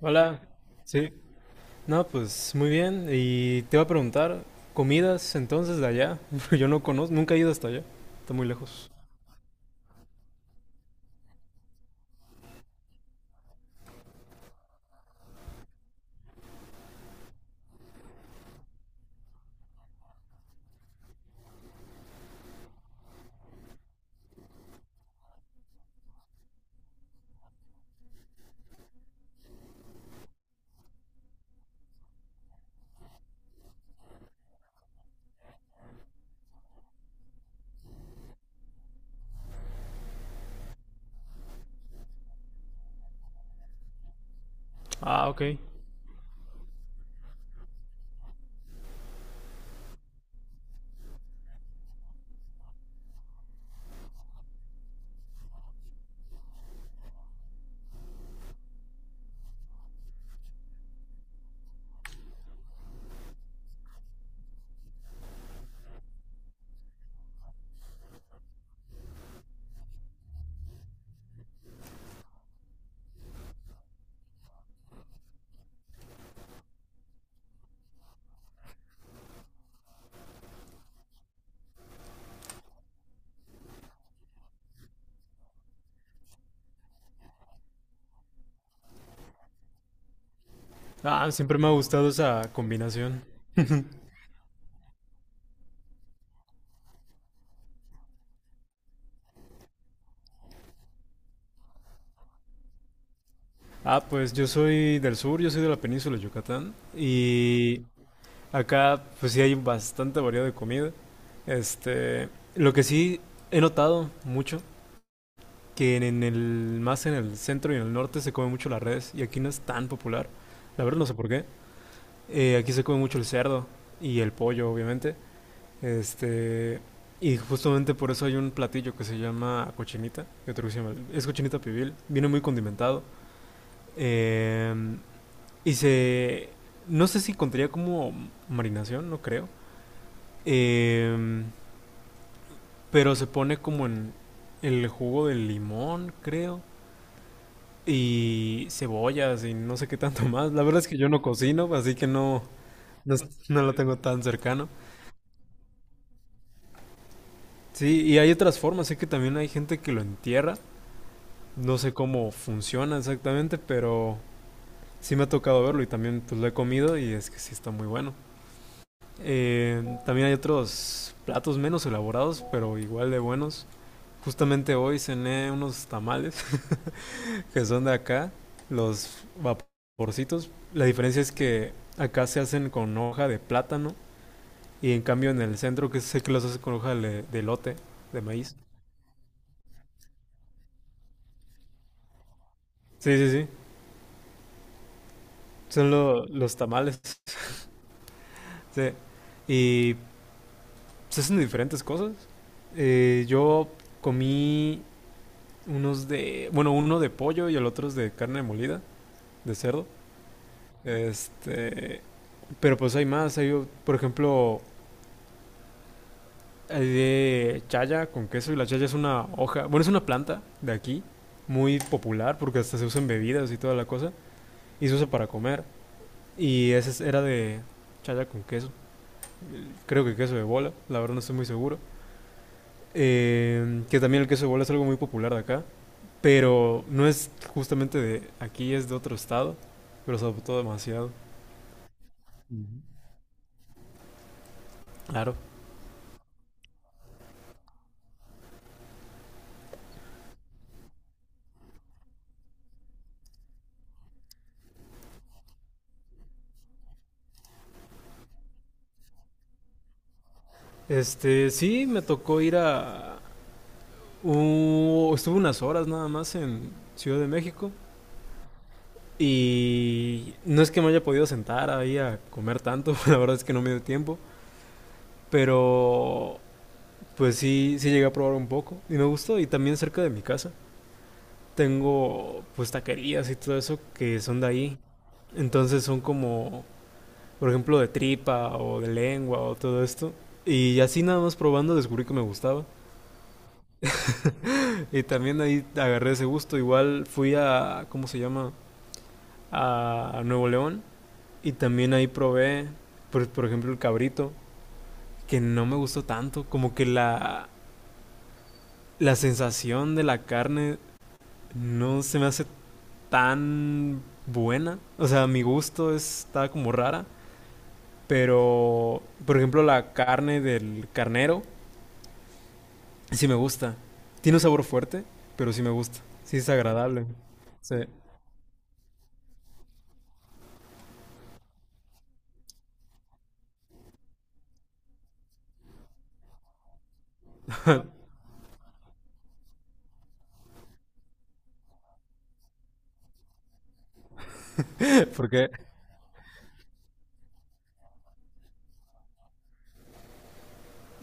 Hola, sí. No, pues muy bien. Y te iba a preguntar, comidas entonces de allá. Yo no conozco, nunca he ido hasta allá. Está muy lejos. Ah, ok. Ah, siempre me ha gustado esa combinación. Ah, pues yo soy del sur, yo soy de la península de Yucatán. Y acá, pues sí hay bastante variedad de comida. Este, lo que sí he notado mucho, que en el, más en el centro y en el norte se come mucho la res. Y aquí no es tan popular. La verdad no sé por qué. Aquí se come mucho el cerdo y el pollo, obviamente. Este, y justamente por eso hay un platillo que se llama cochinita, que otro que se llama, es cochinita pibil, viene muy condimentado. Eh, y se, no sé si contaría como marinación, no creo. Eh, pero se pone como en el jugo del limón, creo. Y cebollas y no sé qué tanto más. La verdad es que yo no cocino, así que no, no, no lo tengo tan cercano. Sí, y hay otras formas, sé que también hay gente que lo entierra, no sé cómo funciona exactamente, pero sí me ha tocado verlo y también pues lo he comido y es que sí está muy bueno. También hay otros platos menos elaborados, pero igual de buenos. Justamente hoy cené unos tamales que son de acá, los vaporcitos. La diferencia es que acá se hacen con hoja de plátano y en cambio en el centro que sé que los hacen con hoja de elote, de maíz. Sí, sí, sí. Son los tamales. Sí. Y se hacen de diferentes cosas. Yo comí unos de, bueno, uno de pollo y el otro es de carne molida, de cerdo. Este, pero pues hay más, hay, por ejemplo, hay de chaya con queso y la chaya es una hoja, bueno, es una planta de aquí, muy popular porque hasta se usa en bebidas y toda la cosa, y se usa para comer. Y era de chaya con queso, creo que queso de bola, la verdad no estoy muy seguro. Que también el queso de bola es algo muy popular de acá, pero no es justamente de aquí, es de otro estado, pero se adoptó demasiado. Claro. Este, sí, me tocó ir a... estuve unas horas nada más en Ciudad de México y no es que me haya podido sentar ahí a comer tanto, la verdad es que no me dio tiempo, pero pues sí, sí llegué a probar un poco y me gustó y también cerca de mi casa tengo pues taquerías y todo eso que son de ahí. Entonces son como, por ejemplo, de tripa o de lengua o todo esto. Y así nada más probando descubrí que me gustaba. Y también ahí agarré ese gusto. Igual fui a, ¿cómo se llama? A Nuevo León. Y también ahí probé, por ejemplo, el cabrito, que no me gustó tanto. Como que la sensación de la carne no se me hace tan buena. O sea, mi gusto está como rara. Pero, por ejemplo, la carne del carnero sí me gusta. Tiene un sabor fuerte, pero sí me gusta. Sí es agradable. Sí. Porque,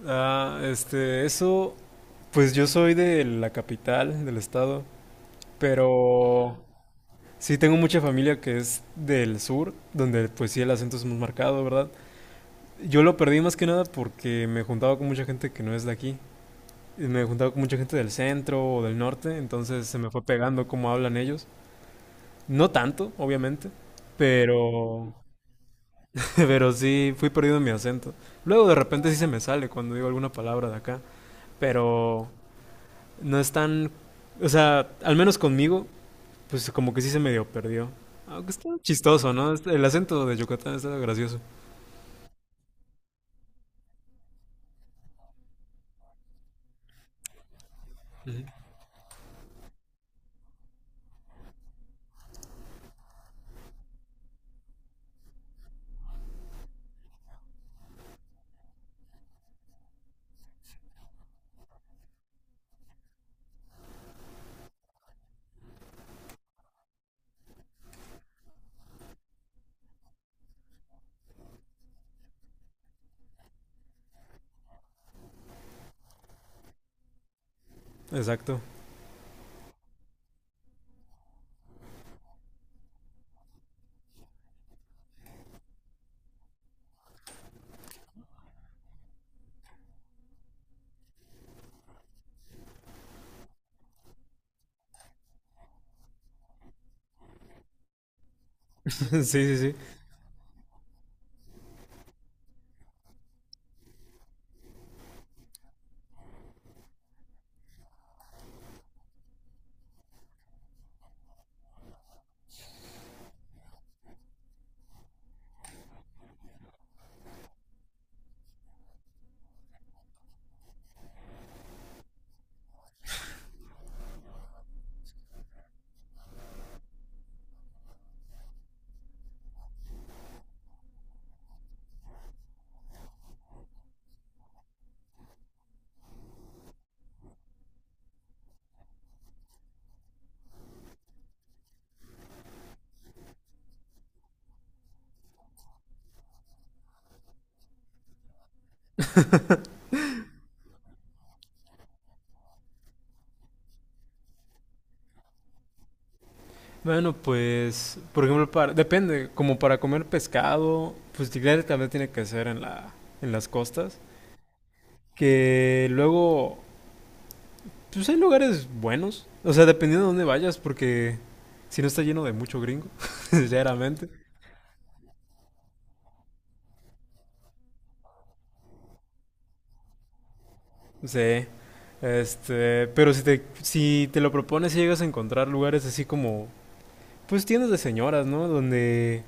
ah, este, eso, pues yo soy de la capital del estado, pero sí tengo mucha familia que es del sur, donde pues sí el acento es muy marcado, ¿verdad? Yo lo perdí más que nada porque me juntaba con mucha gente que no es de aquí. Y me juntaba con mucha gente del centro o del norte, entonces se me fue pegando cómo hablan ellos. No tanto, obviamente, pero pero sí, fui perdido en mi acento. Luego de repente sí se me sale cuando digo alguna palabra de acá. Pero no es tan... O sea, al menos conmigo, pues como que sí se medio perdió. Aunque está chistoso, ¿no? Este- el acento de Yucatán está gracioso. Exacto. Sí, sí, sí. Bueno, pues, por ejemplo, para, depende, como para comer pescado, pues claro, también tiene que ser en en las costas, que luego pues hay lugares buenos. O sea, dependiendo de dónde vayas, porque si no está lleno de mucho gringo, sinceramente. Sí. Este, pero si te lo propones, si llegas a encontrar lugares así como, pues tiendas de señoras, ¿no? Donde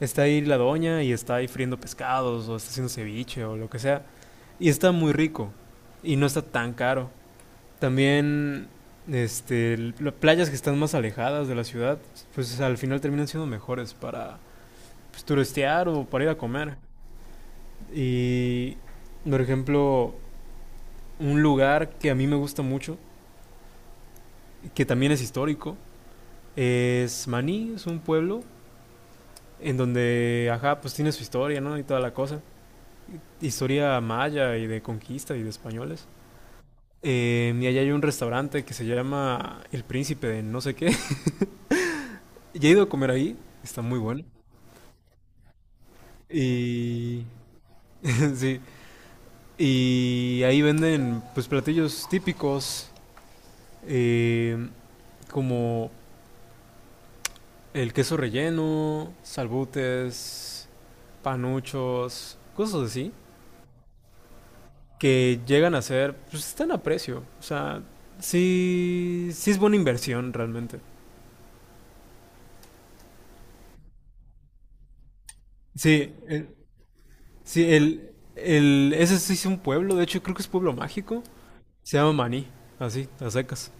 está ahí la doña y está ahí friendo pescados o está haciendo ceviche o lo que sea. Y está muy rico y no está tan caro. También, este, las playas que están más alejadas de la ciudad, pues al final terminan siendo mejores para, pues, turistear o para ir a comer. Y, por ejemplo, un lugar que a mí me gusta mucho, que también es histórico, es Maní, es un pueblo en donde, ajá, pues tiene su historia, ¿no? Y toda la cosa. Historia maya y de conquista y de españoles. Y allá hay un restaurante que se llama El Príncipe de no sé qué. Ya he ido a comer ahí, está muy bueno. Y... sí. Y ahí venden pues platillos típicos eh, como el queso relleno, salbutes, panuchos, cosas así, que llegan a ser, pues están a precio. O sea, sí, sí es buena inversión realmente. Sí, sí, ese sí es un pueblo, de hecho creo que es pueblo mágico. Se llama Maní, así, a secas.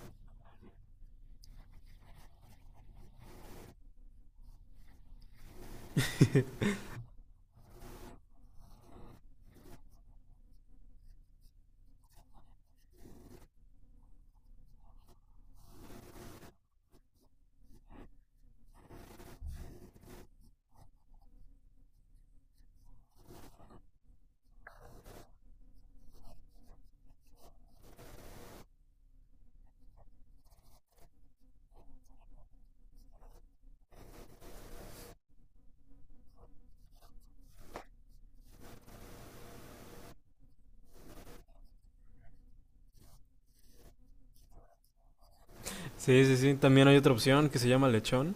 Sí, sí, sí, también hay otra opción que se llama lechón.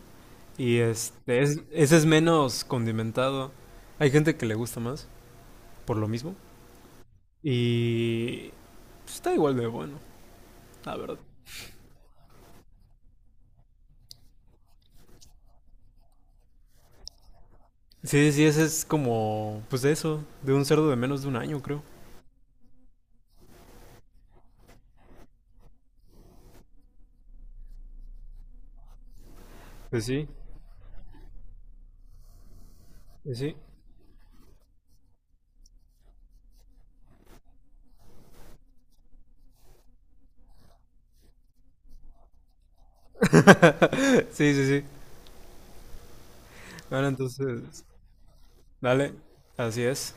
Y este, ese es menos condimentado. Hay gente que le gusta más, por lo mismo. Y pues, está igual de bueno, la verdad. Sí, sí, ese es como, pues de eso, de un cerdo de menos de un año, creo. Pues sí, pues sí. Sí, sí, sí. Bueno, entonces, dale, así es.